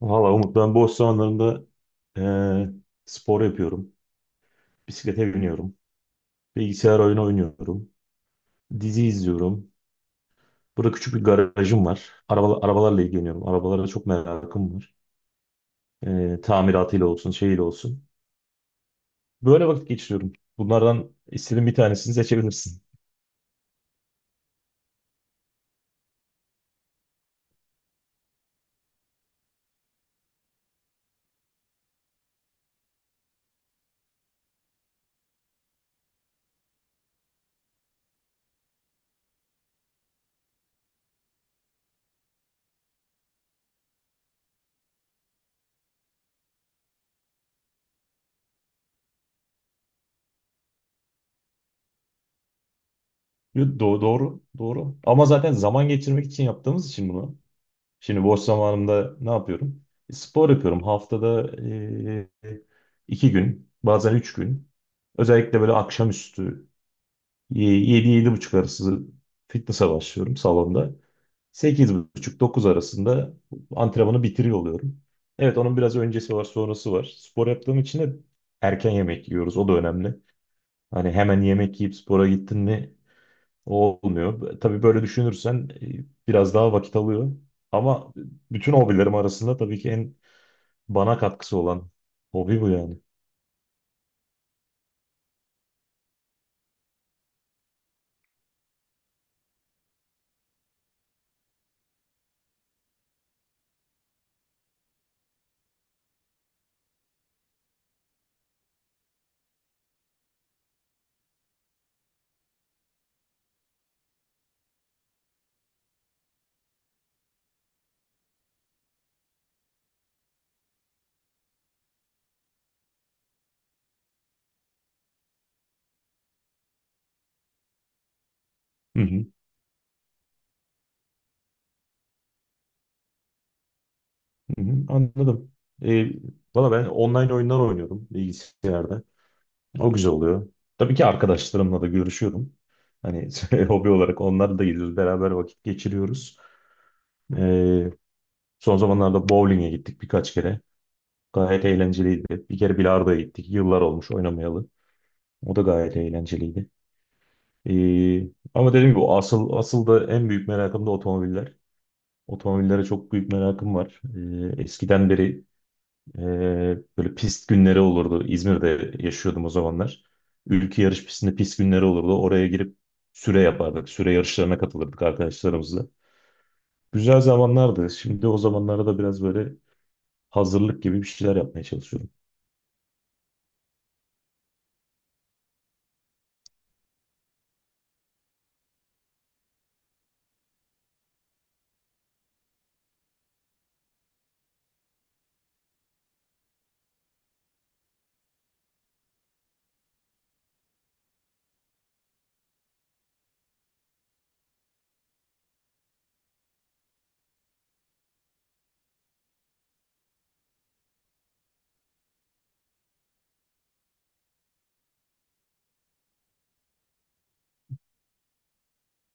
Valla Umut ben boş zamanlarımda eee, spor yapıyorum. Bisiklete biniyorum. Bilgisayar oyunu oynuyorum. Dizi izliyorum. Burada küçük bir garajım var. Arabalarla ilgileniyorum. Arabalara çok merakım var. Tamiratıyla olsun, şeyiyle olsun. Böyle vakit geçiriyorum. Bunlardan istediğin bir tanesini seçebilirsin. Yo, doğru, doğru. Ama zaten zaman geçirmek için yaptığımız için bunu. Şimdi boş zamanımda ne yapıyorum? Spor yapıyorum. Haftada 2 gün, bazen 3 gün. Özellikle böyle akşamüstü 7-7.30 arası fitness'a başlıyorum salonda. 8.30-9 arasında antrenmanı bitiriyor oluyorum. Evet, onun biraz öncesi var, sonrası var. Spor yaptığım için de erken yemek yiyoruz. O da önemli. Hani hemen yemek yiyip spora gittin mi? Olmuyor. Tabii böyle düşünürsen biraz daha vakit alıyor. Ama bütün hobilerim arasında tabii ki en bana katkısı olan hobi bu yani. Hı hı, hı hı, anladım. E, valla ben online oyunlar oynuyorum bilgisayarda. O güzel oluyor. Tabii ki arkadaşlarımla da görüşüyorum. Hani hobi olarak onlar da geliyor. Beraber vakit geçiriyoruz. Ee, son zamanlarda bowling'e gittik birkaç kere. Gayet eğlenceliydi. Bir kere bilardoya gittik. Yıllar olmuş oynamayalı. O da gayet eğlenceliydi. Ee, ama dediğim gibi asıl asıl da en büyük merakım da otomobiller. Otomobillere çok büyük merakım var. Eskiden beri e, böyle pist günleri olurdu. İzmir'de yaşıyordum o zamanlar. Ülke yarış pistinde pist günleri olurdu. Oraya girip süre yapardık. Süre yarışlarına katılırdık arkadaşlarımızla. Güzel zamanlardı. Şimdi o zamanlara da biraz böyle hazırlık gibi bir şeyler yapmaya çalışıyorum.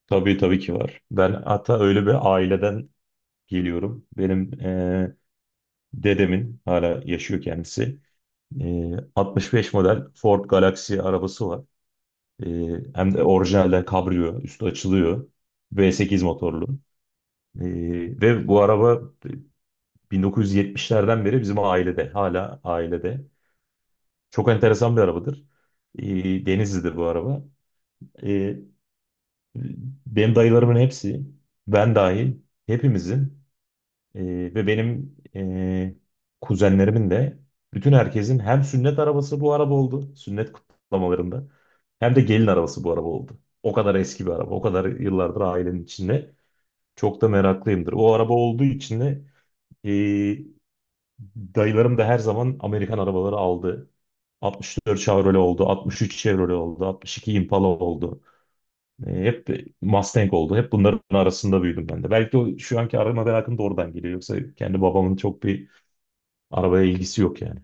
Tabii, tabii ki var. Ben hatta öyle bir aileden geliyorum. Benim dedemin hala yaşıyor kendisi. 65 model Ford Galaxy arabası var. E, hem de orijinalden kabriyo. Üstü açılıyor. V8 motorlu. E, ve bu araba 1970'lerden beri bizim ailede. Hala ailede. Çok enteresan bir arabadır. Denizli'dir bu araba. E, Benim dayılarımın hepsi, ben dahil, hepimizin, e, ve benim kuzenlerimin de bütün herkesin hem sünnet arabası bu araba oldu, sünnet kutlamalarında hem de gelin arabası bu araba oldu. O kadar eski bir araba, o kadar yıllardır ailenin içinde. Çok da meraklıyımdır. O araba olduğu için de e, dayılarım da her zaman Amerikan arabaları aldı. 64 Chevrolet oldu, 63 Chevrolet oldu, 62 Impala oldu. Hep de Mustang oldu. Hep bunların arasında büyüdüm ben de. Belki o şu anki araba merakım da oradan geliyor. Yoksa kendi babamın çok bir arabaya ilgisi yok yani.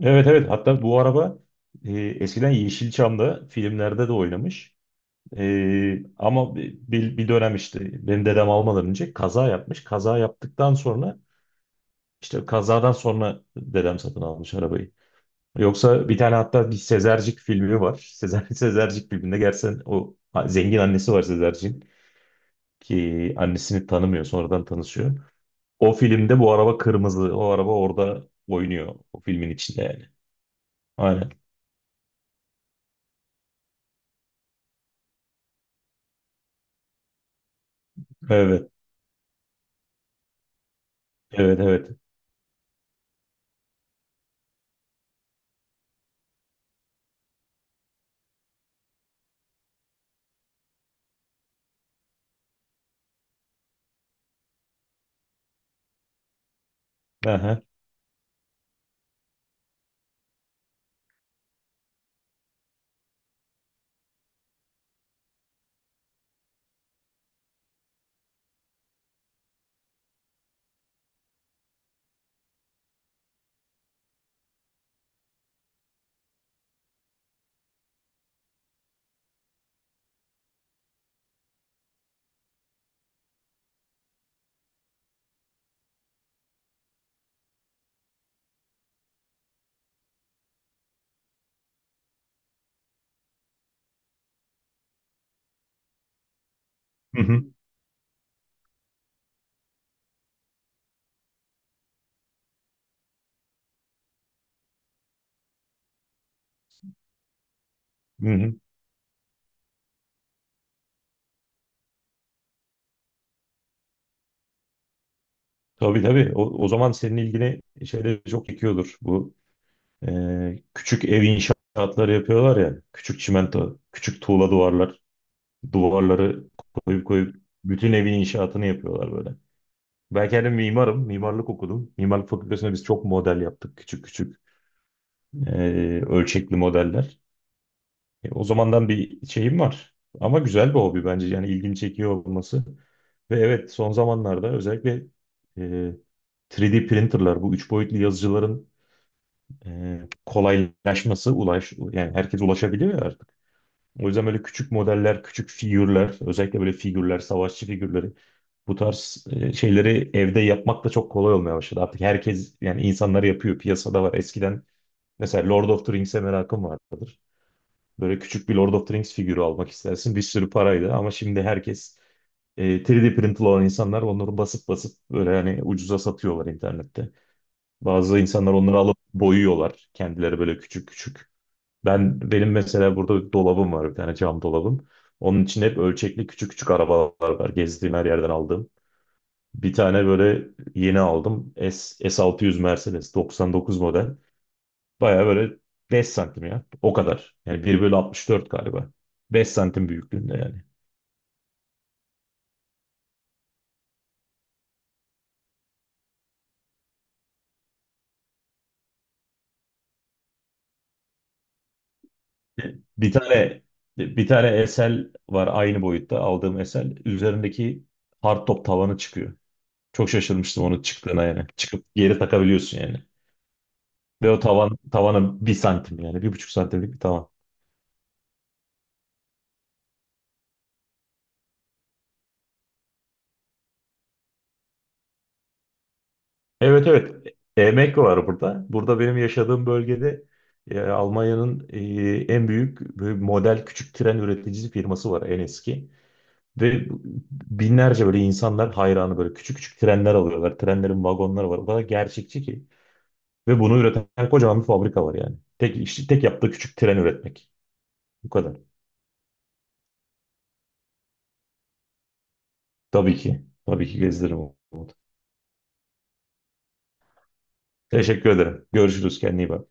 Evet, evet, hatta bu araba eskiden Yeşilçam'da filmlerde de oynamış. Ama bir dönem işte benim dedem almadan önce kaza yapmış. Kaza yaptıktan sonra, işte kazadan sonra dedem satın almış arabayı. Yoksa bir tane hatta bir Sezercik filmi var. Sezer, Sezercik filminde gerçekten o zengin annesi var Sezercik'in, ki annesini tanımıyor, sonradan tanışıyor. O filmde bu araba kırmızı. O araba orada oynuyor. O filmin içinde yani. Aynen. Evet. Evet, evet. Aha. Hı hı. Hı hı. Tabii, tabii. O zaman senin ilgini şeyde çok çekiyordur. Bu küçük ev inşaatları yapıyorlar ya. Küçük çimento, küçük tuğla duvarlar. Duvarları koyup koyup bütün evin inşaatını yapıyorlar böyle. Ben kendim mimarım. Mimarlık okudum. Mimarlık fakültesinde biz çok model yaptık. Küçük küçük ölçekli modeller. O zamandan bir şeyim var. Ama güzel bir hobi bence. Yani ilgimi çekiyor olması. Ve evet son zamanlarda özellikle eee, 3D printerlar, bu üç boyutlu yazıcıların kolaylaşması, ulaş yani herkes ulaşabiliyor ya artık. O yüzden böyle küçük modeller, küçük figürler, özellikle böyle figürler, savaşçı figürleri. Bu tarz şeyleri evde yapmak da çok kolay olmaya başladı. Artık herkes yani insanlar yapıyor. Piyasada var. Eskiden mesela Lord of the Rings'e merakım vardır. Böyle küçük bir Lord of the Rings figürü almak istersin. Bir sürü paraydı ama şimdi herkes, 3D printli olan insanlar onları basıp basıp böyle hani ucuza satıyorlar internette. Bazı insanlar onları alıp boyuyorlar. Kendileri böyle küçük küçük. Ben benim mesela burada dolabım var, bir tane cam dolabım. Onun için hep ölçekli küçük küçük arabalar var. Gezdiğim her yerden aldığım. Bir tane böyle yeni aldım. S600 Mercedes 99 model. Baya böyle 5 santim ya. O kadar. Yani bir bölü 64 galiba. 5 santim büyüklüğünde yani. Bir tane bir tane SL var, aynı boyutta aldığım SL. Üzerindeki hardtop tavanı çıkıyor. Çok şaşırmıştım onun çıktığına yani. Çıkıp geri takabiliyorsun yani. Ve o tavan tavana 1 santim yani. 1,5 santimlik bir tavan. Evet, evet. Emek var burada. Burada benim yaşadığım bölgede Almanya'nın en büyük böyle model küçük tren üreticisi firması var, en eski. Ve binlerce böyle insanlar hayranı, böyle küçük küçük trenler alıyorlar. Trenlerin vagonları var. O kadar gerçekçi ki. Ve bunu üreten kocaman bir fabrika var yani. İşte tek yaptığı küçük tren üretmek. Bu kadar. Tabii ki. Tabii ki gezdiririm. Umut. Teşekkür ederim. Görüşürüz. Kendine iyi bak.